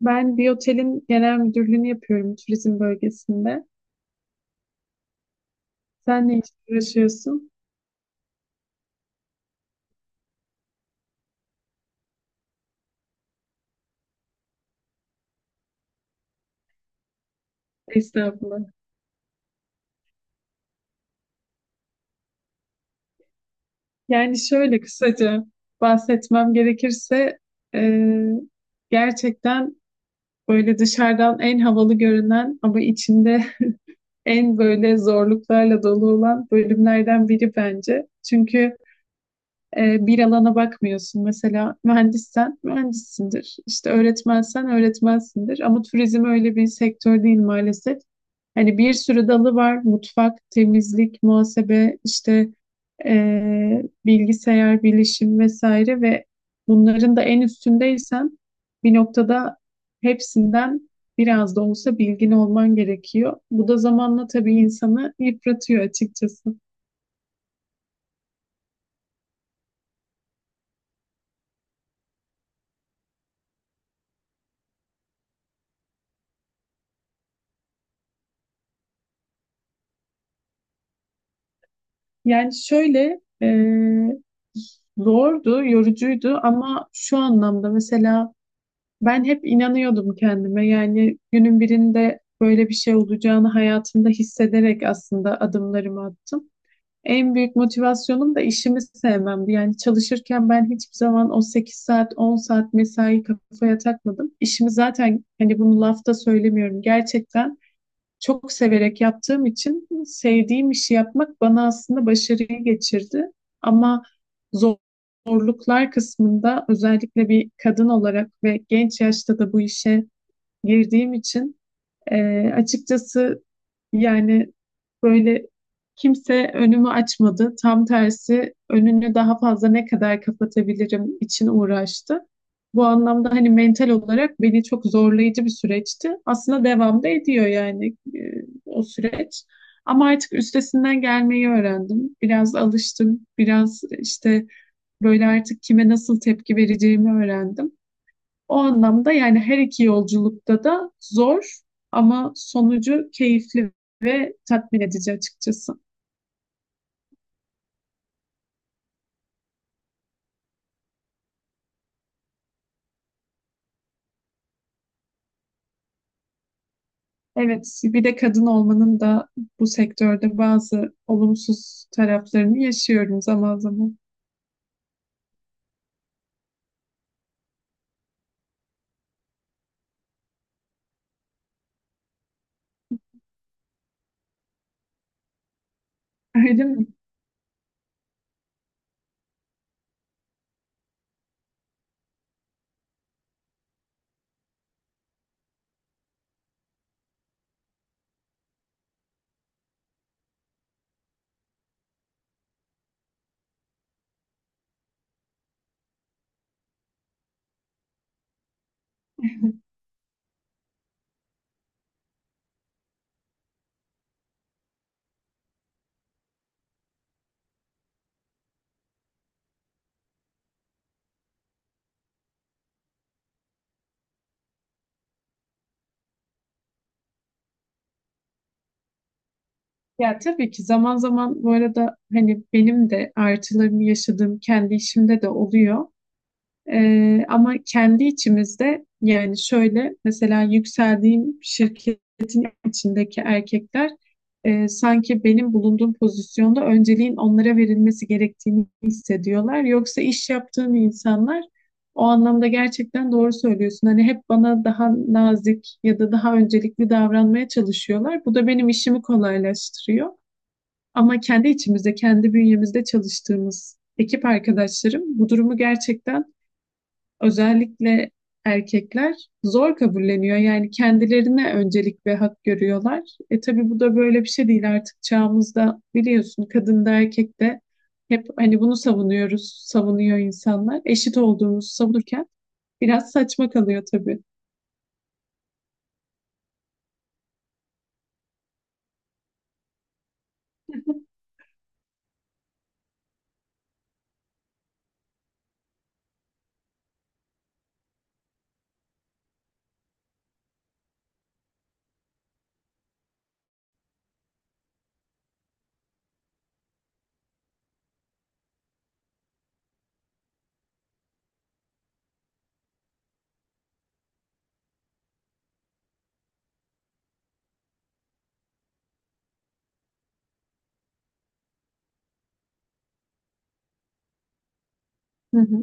Ben bir otelin genel müdürlüğünü yapıyorum turizm bölgesinde. Sen ne işle uğraşıyorsun? Estağfurullah. Yani şöyle kısaca bahsetmem gerekirse e, gerçekten böyle dışarıdan en havalı görünen ama içinde en böyle zorluklarla dolu olan bölümlerden biri bence. Çünkü bir alana bakmıyorsun. Mesela mühendissen mühendissindir. İşte öğretmensen öğretmensindir. Ama turizm öyle bir sektör değil maalesef. Hani bir sürü dalı var. Mutfak, temizlik, muhasebe, işte bilgisayar, bilişim vesaire ve bunların da en üstündeysen bir noktada hepsinden biraz da olsa bilgin olman gerekiyor. Bu da zamanla tabii insanı yıpratıyor açıkçası. Yani şöyle zordu, yorucuydu ama şu anlamda mesela ben hep inanıyordum kendime. Yani günün birinde böyle bir şey olacağını hayatımda hissederek aslında adımlarımı attım. En büyük motivasyonum da işimi sevmemdi. Yani çalışırken ben hiçbir zaman o 8 saat, 10 saat mesai kafaya takmadım. İşimi zaten hani bunu lafta söylemiyorum. Gerçekten çok severek yaptığım için sevdiğim işi yapmak bana aslında başarıyı geçirdi. Ama zorluklar kısmında özellikle bir kadın olarak ve genç yaşta da bu işe girdiğim için açıkçası yani böyle kimse önümü açmadı. Tam tersi önünü daha fazla ne kadar kapatabilirim için uğraştı. Bu anlamda hani mental olarak beni çok zorlayıcı bir süreçti. Aslında devam da ediyor yani o süreç. Ama artık üstesinden gelmeyi öğrendim. Biraz alıştım. Biraz işte böyle artık kime nasıl tepki vereceğimi öğrendim. O anlamda yani her iki yolculukta da zor ama sonucu keyifli ve tatmin edici açıkçası. Evet, bir de kadın olmanın da bu sektörde bazı olumsuz taraflarını yaşıyorum zaman zaman. Öyle mi? Ya tabii ki zaman zaman bu arada hani benim de artılarını yaşadığım kendi işimde de oluyor. Ama kendi içimizde yani şöyle mesela yükseldiğim şirketin içindeki erkekler sanki benim bulunduğum pozisyonda önceliğin onlara verilmesi gerektiğini hissediyorlar. Yoksa iş yaptığım insanlar o anlamda gerçekten doğru söylüyorsun. Hani hep bana daha nazik ya da daha öncelikli davranmaya çalışıyorlar. Bu da benim işimi kolaylaştırıyor. Ama kendi içimizde, kendi bünyemizde çalıştığımız ekip arkadaşlarım bu durumu gerçekten özellikle erkekler zor kabulleniyor. Yani kendilerine öncelik ve hak görüyorlar. E tabii bu da böyle bir şey değil artık çağımızda biliyorsun kadın da erkek de hep hani bunu savunuyoruz, savunuyor insanlar. Eşit olduğumuzu savunurken biraz saçma kalıyor tabii. Hı hı.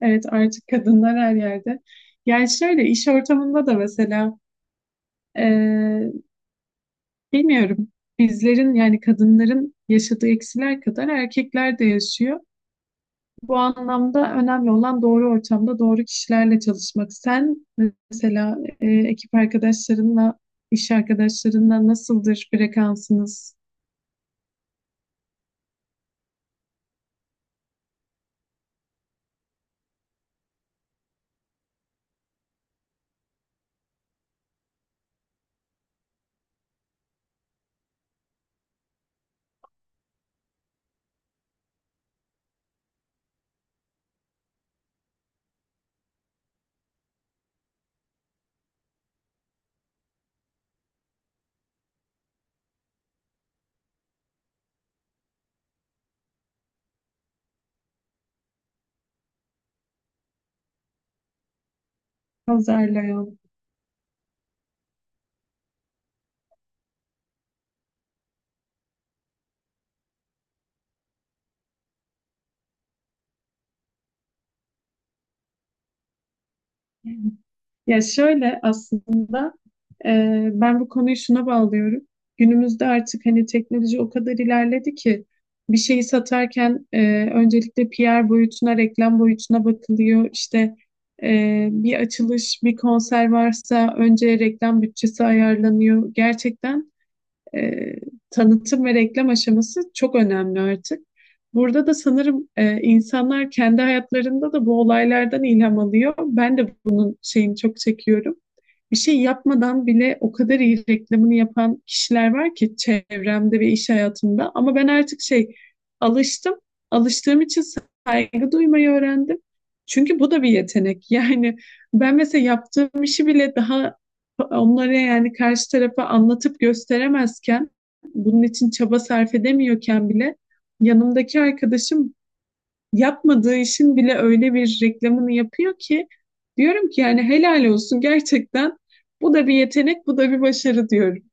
Evet artık kadınlar her yerde. Yani şöyle iş ortamında da mesela Ee, bilmiyorum. Bizlerin yani kadınların yaşadığı eksiler kadar erkekler de yaşıyor. Bu anlamda önemli olan doğru ortamda doğru kişilerle çalışmak. Sen mesela ekip arkadaşlarınla, iş arkadaşlarınla nasıldır frekansınız? Pazarlayan. Ya şöyle aslında e, ben bu konuyu şuna bağlıyorum. Günümüzde artık hani teknoloji o kadar ilerledi ki bir şeyi satarken öncelikle PR boyutuna, reklam boyutuna bakılıyor. İşte bir açılış, bir konser varsa önce reklam bütçesi ayarlanıyor. Gerçekten e, tanıtım ve reklam aşaması çok önemli artık. Burada da sanırım insanlar kendi hayatlarında da bu olaylardan ilham alıyor. Ben de bunun şeyini çok çekiyorum bir şey yapmadan bile o kadar iyi reklamını yapan kişiler var ki çevremde ve iş hayatımda. Ama ben artık alıştım. Alıştığım için saygı duymayı öğrendim. Çünkü bu da bir yetenek. Yani ben mesela yaptığım işi bile daha onlara yani karşı tarafa anlatıp gösteremezken, bunun için çaba sarf edemiyorken bile yanımdaki arkadaşım yapmadığı işin bile öyle bir reklamını yapıyor ki diyorum ki yani helal olsun gerçekten bu da bir yetenek bu da bir başarı diyorum.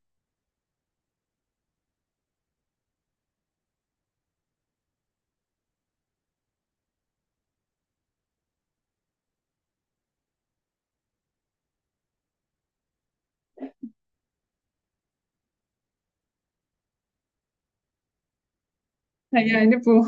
Ha, yani bu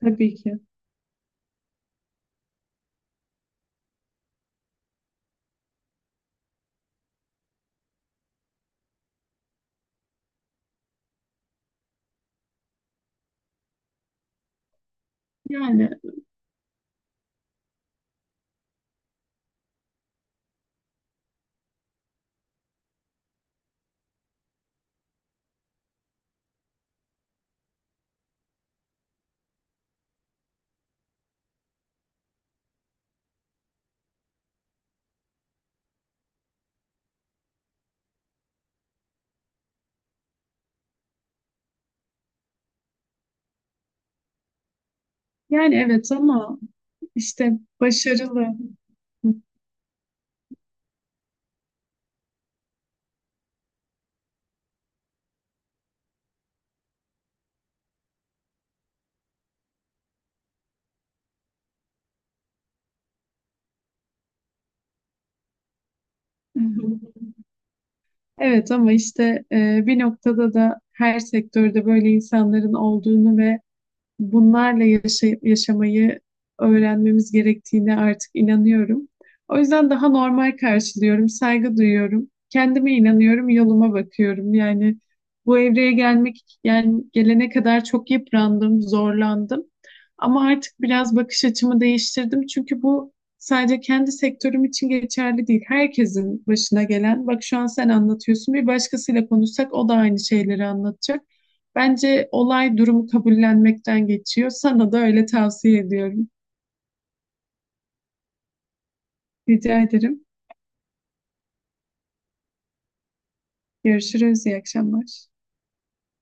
tabii ki. Yani yani evet ama işte başarılı. Evet ama işte bir noktada da her sektörde böyle insanların olduğunu ve bunlarla yaşamayı öğrenmemiz gerektiğine artık inanıyorum. O yüzden daha normal karşılıyorum, saygı duyuyorum. Kendime inanıyorum, yoluma bakıyorum. Yani bu evreye gelmek, yani gelene kadar çok yıprandım, zorlandım. Ama artık biraz bakış açımı değiştirdim. Çünkü bu sadece kendi sektörüm için geçerli değil. Herkesin başına gelen, bak şu an sen anlatıyorsun, bir başkasıyla konuşsak o da aynı şeyleri anlatacak. Bence olay durumu kabullenmekten geçiyor. Sana da öyle tavsiye ediyorum. Rica ederim. Görüşürüz. İyi akşamlar.